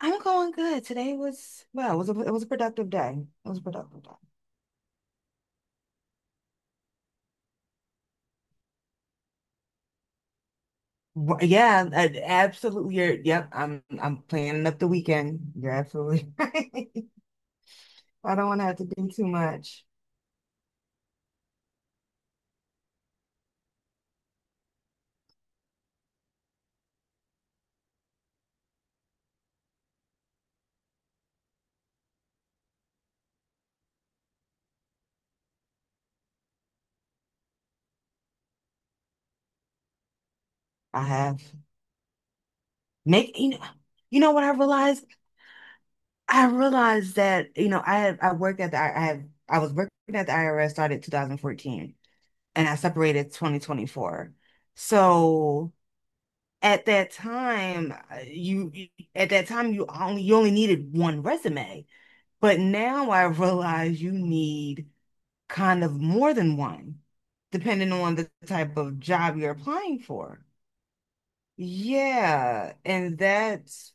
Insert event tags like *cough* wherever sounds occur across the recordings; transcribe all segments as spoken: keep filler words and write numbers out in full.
I'm going good. Today was well, it was a it was a productive day. It was a productive day. Wh- Yeah, I- absolutely. You're, yep, I'm I'm planning up the weekend. You're absolutely *laughs* right. I don't want to have to do too much. I have make you know, you know what I realized? I realized that you know I had I worked at the I I have I was working at the I R S started two thousand fourteen and I separated twenty twenty-four. So at that time uh, you you- at that time you only you only needed one resume, but now I realize you need kind of more than one depending on the type of job you're applying for. Yeah, and that's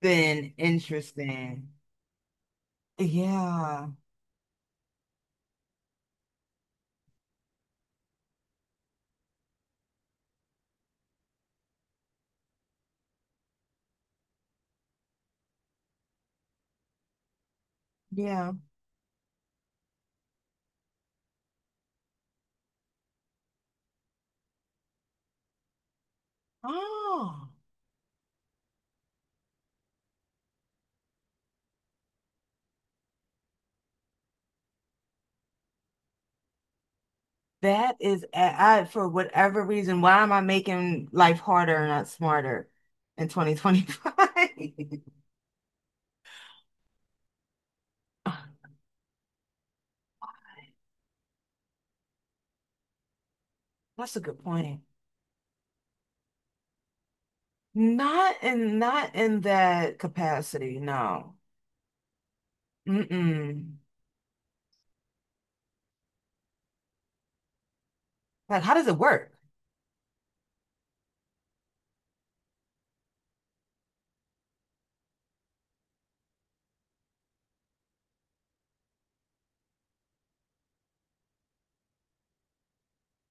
been interesting. Yeah. Yeah. Oh, that is, I I- for whatever reason, why am I making life harder and not smarter in twenty twenty-five? *laughs* That's a good point. Not in not in that capacity, no. Mm-mm. Like, how does it work?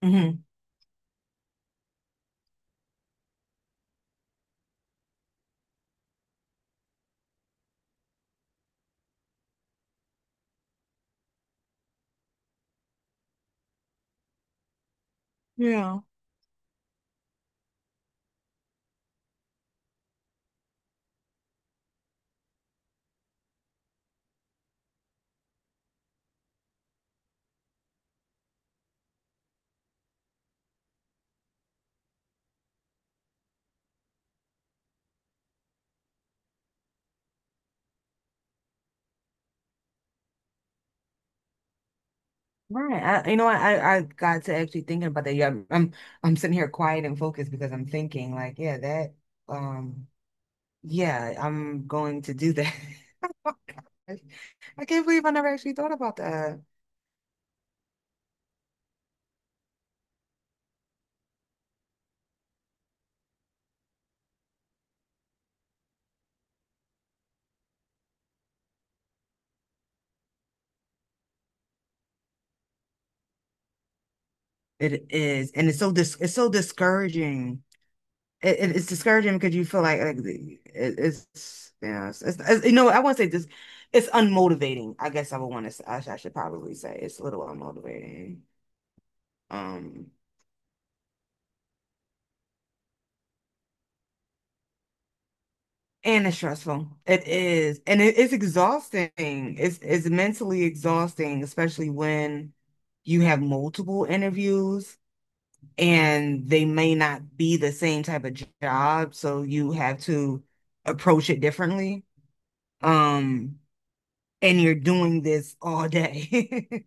Hmm. Yeah. Right. I, you know what, I I got to actually thinking about that. Yeah, I'm I'm I'm sitting here quiet and focused because I'm thinking like, yeah, that, um yeah, I'm going to do that. *laughs* Oh, gosh. I can't believe I never actually thought about that. It is, and it's so dis it's so discouraging. it, it- it's discouraging because you feel like, like it, it's yeah it's, it's, it's- you know, I won't say this, it's unmotivating, I guess I would want to say. I, sh- I should probably say it's a little unmotivating. um and it's stressful, it is, and it, it's exhausting, it's it's mentally exhausting, especially when you have multiple interviews and they may not be the same type of job, so you have to approach it differently. um and you're doing this all day.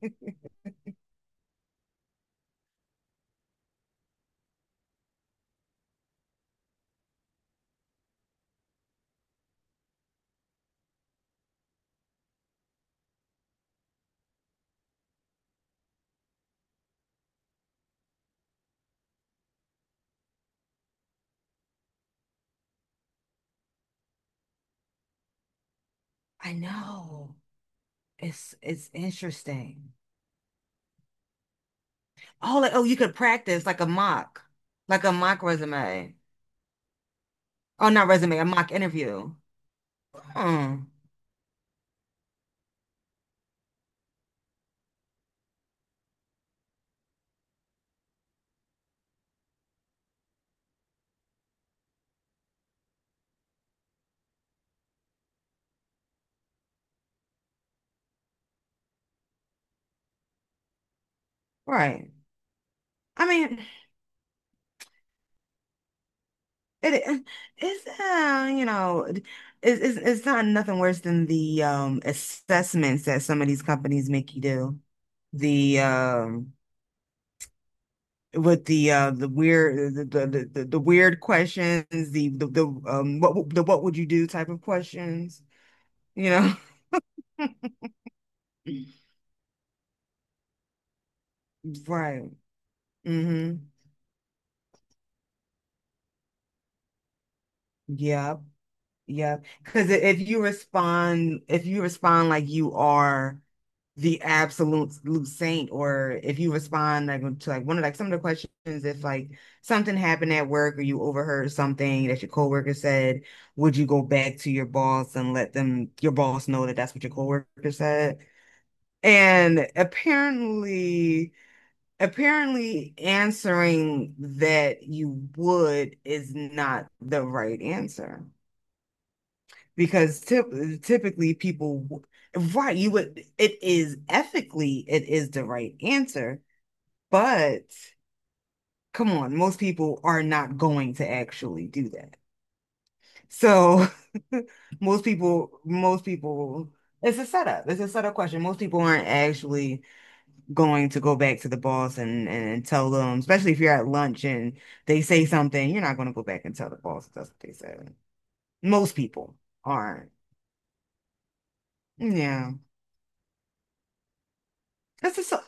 *laughs* I know. It's it's interesting. Oh, like, oh, you could practice like a mock, like a mock resume. Oh, not resume, a mock interview. Hmm. Right. I mean, it it's uh, you know, it- it's it's not nothing worse than the um assessments that some of these companies make you do. The um with the uh the weird the the the, the- weird questions, the the, the um what the what would you do type of questions, you know. *laughs* Right. Mm-hmm. Yep. Yep, because if you respond, if you respond like you are the absolute saint, or if you respond like to like one of like some of the questions, if like something happened at work or you overheard something that your coworker said, would you go back to your boss and let them your boss know that that's what your coworker said, and apparently, apparently answering that you would is not the right answer, because typ typically people, right, you would, it is ethically, it is the right answer, but come on, most people are not going to actually do that. So *laughs* most people, most people, it's a setup. It's a setup question. Most people aren't actually going to go back to the boss and, and, and tell them, especially if you're at lunch and they say something, you're not going to go back and tell the boss that's what they said. Most people aren't. Yeah. That's a,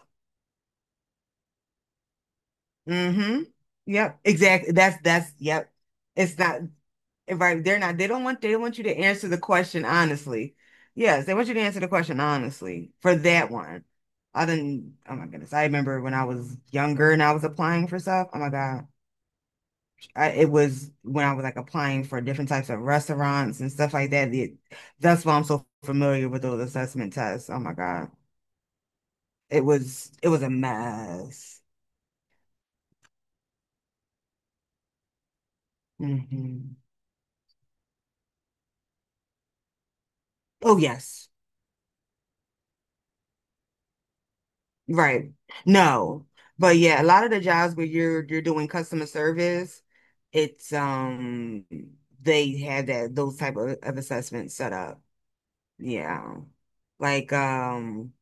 mm-hmm. Yep, exactly. That's that's yep. It's not right. They're not. They don't want. They want you to answer the question honestly. Yes, they want you to answer the question honestly for that one. I didn't. Oh my goodness. I remember when I was younger and I was applying for stuff. Oh my God. I, it was when I was like applying for different types of restaurants and stuff like that. It, that's why I'm so familiar with those assessment tests. Oh my God. It was. It was a mess. Hmm. Oh yes. Right. No. But yeah, a lot of the jobs where you're you're doing customer service, it's, um they have that, those type of, of assessments set up. Yeah. Like, um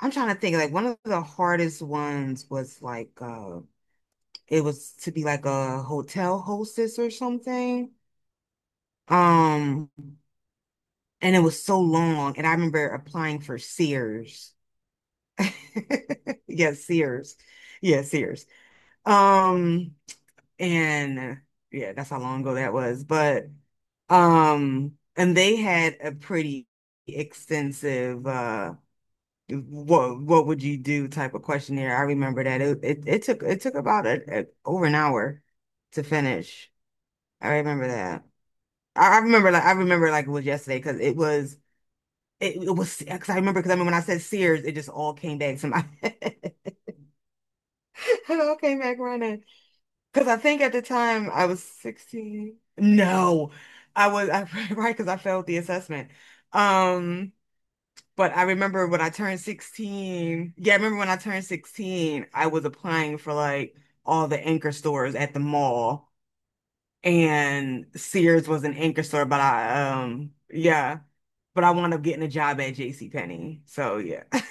I'm trying to think, like, one of the hardest ones was like, uh it was to be like a hotel hostess or something. Um and it was so long, and I remember applying for Sears. *laughs* Yes, Sears. Yes, Sears. Um and yeah, that's how long ago that was. But um, and they had a pretty extensive uh, what what would you do type of questionnaire. I remember that it it, it took, it took about a, a, over an hour to finish. I remember that. I, I remember like I remember like it was yesterday because it was. It, it was because I remember because I mean when I said Sears, it just all came back to my *laughs* it all came back running. Because I think at the time I was sixteen. No, I was I, *laughs* right, because I failed the assessment. Um, but I remember when I turned sixteen. Yeah, I remember when I turned sixteen, I was applying for like all the anchor stores at the mall, and Sears was an anchor store, but I, um yeah, but I wound up getting a job at J C Penney. So yeah. *laughs*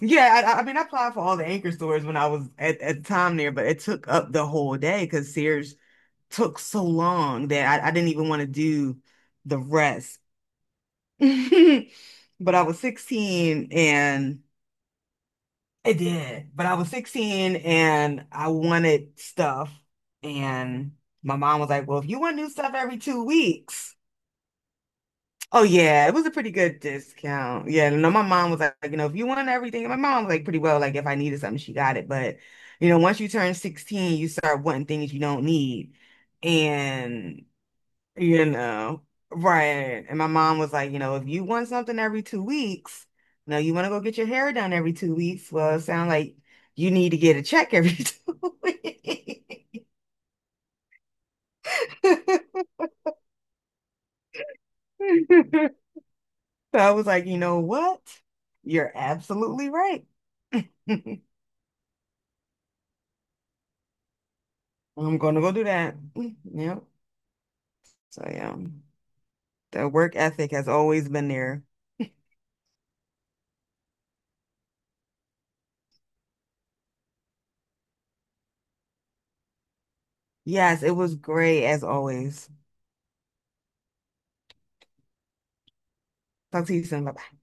Yeah, I, I I mean, I applied for all the anchor stores when I was at, at the time there, but it took up the whole day because Sears took so long that I, I didn't even want to do the rest. *laughs* But I was sixteen and it did. But I was sixteen and I wanted stuff. And my mom was like, well, if you want new stuff every two weeks. Oh, yeah, it was a pretty good discount. Yeah, no, my mom was like, you know, if you want everything, and my mom was like, pretty well, like, if I needed something, she got it. But, you know, once you turn sixteen, you start wanting things you don't need. And, you know, right. And my mom was like, you know, if you want something every two weeks, you know, you want to go get your hair done every two weeks. Well, it sounds like you need to get a check every *laughs* two weeks. *laughs* So I was like, you know what? You're absolutely right. *laughs* I'm gonna go do that. Yep. So yeah, the work ethic has always been there. Yes, it was great as always. Talk to you soon. Bye.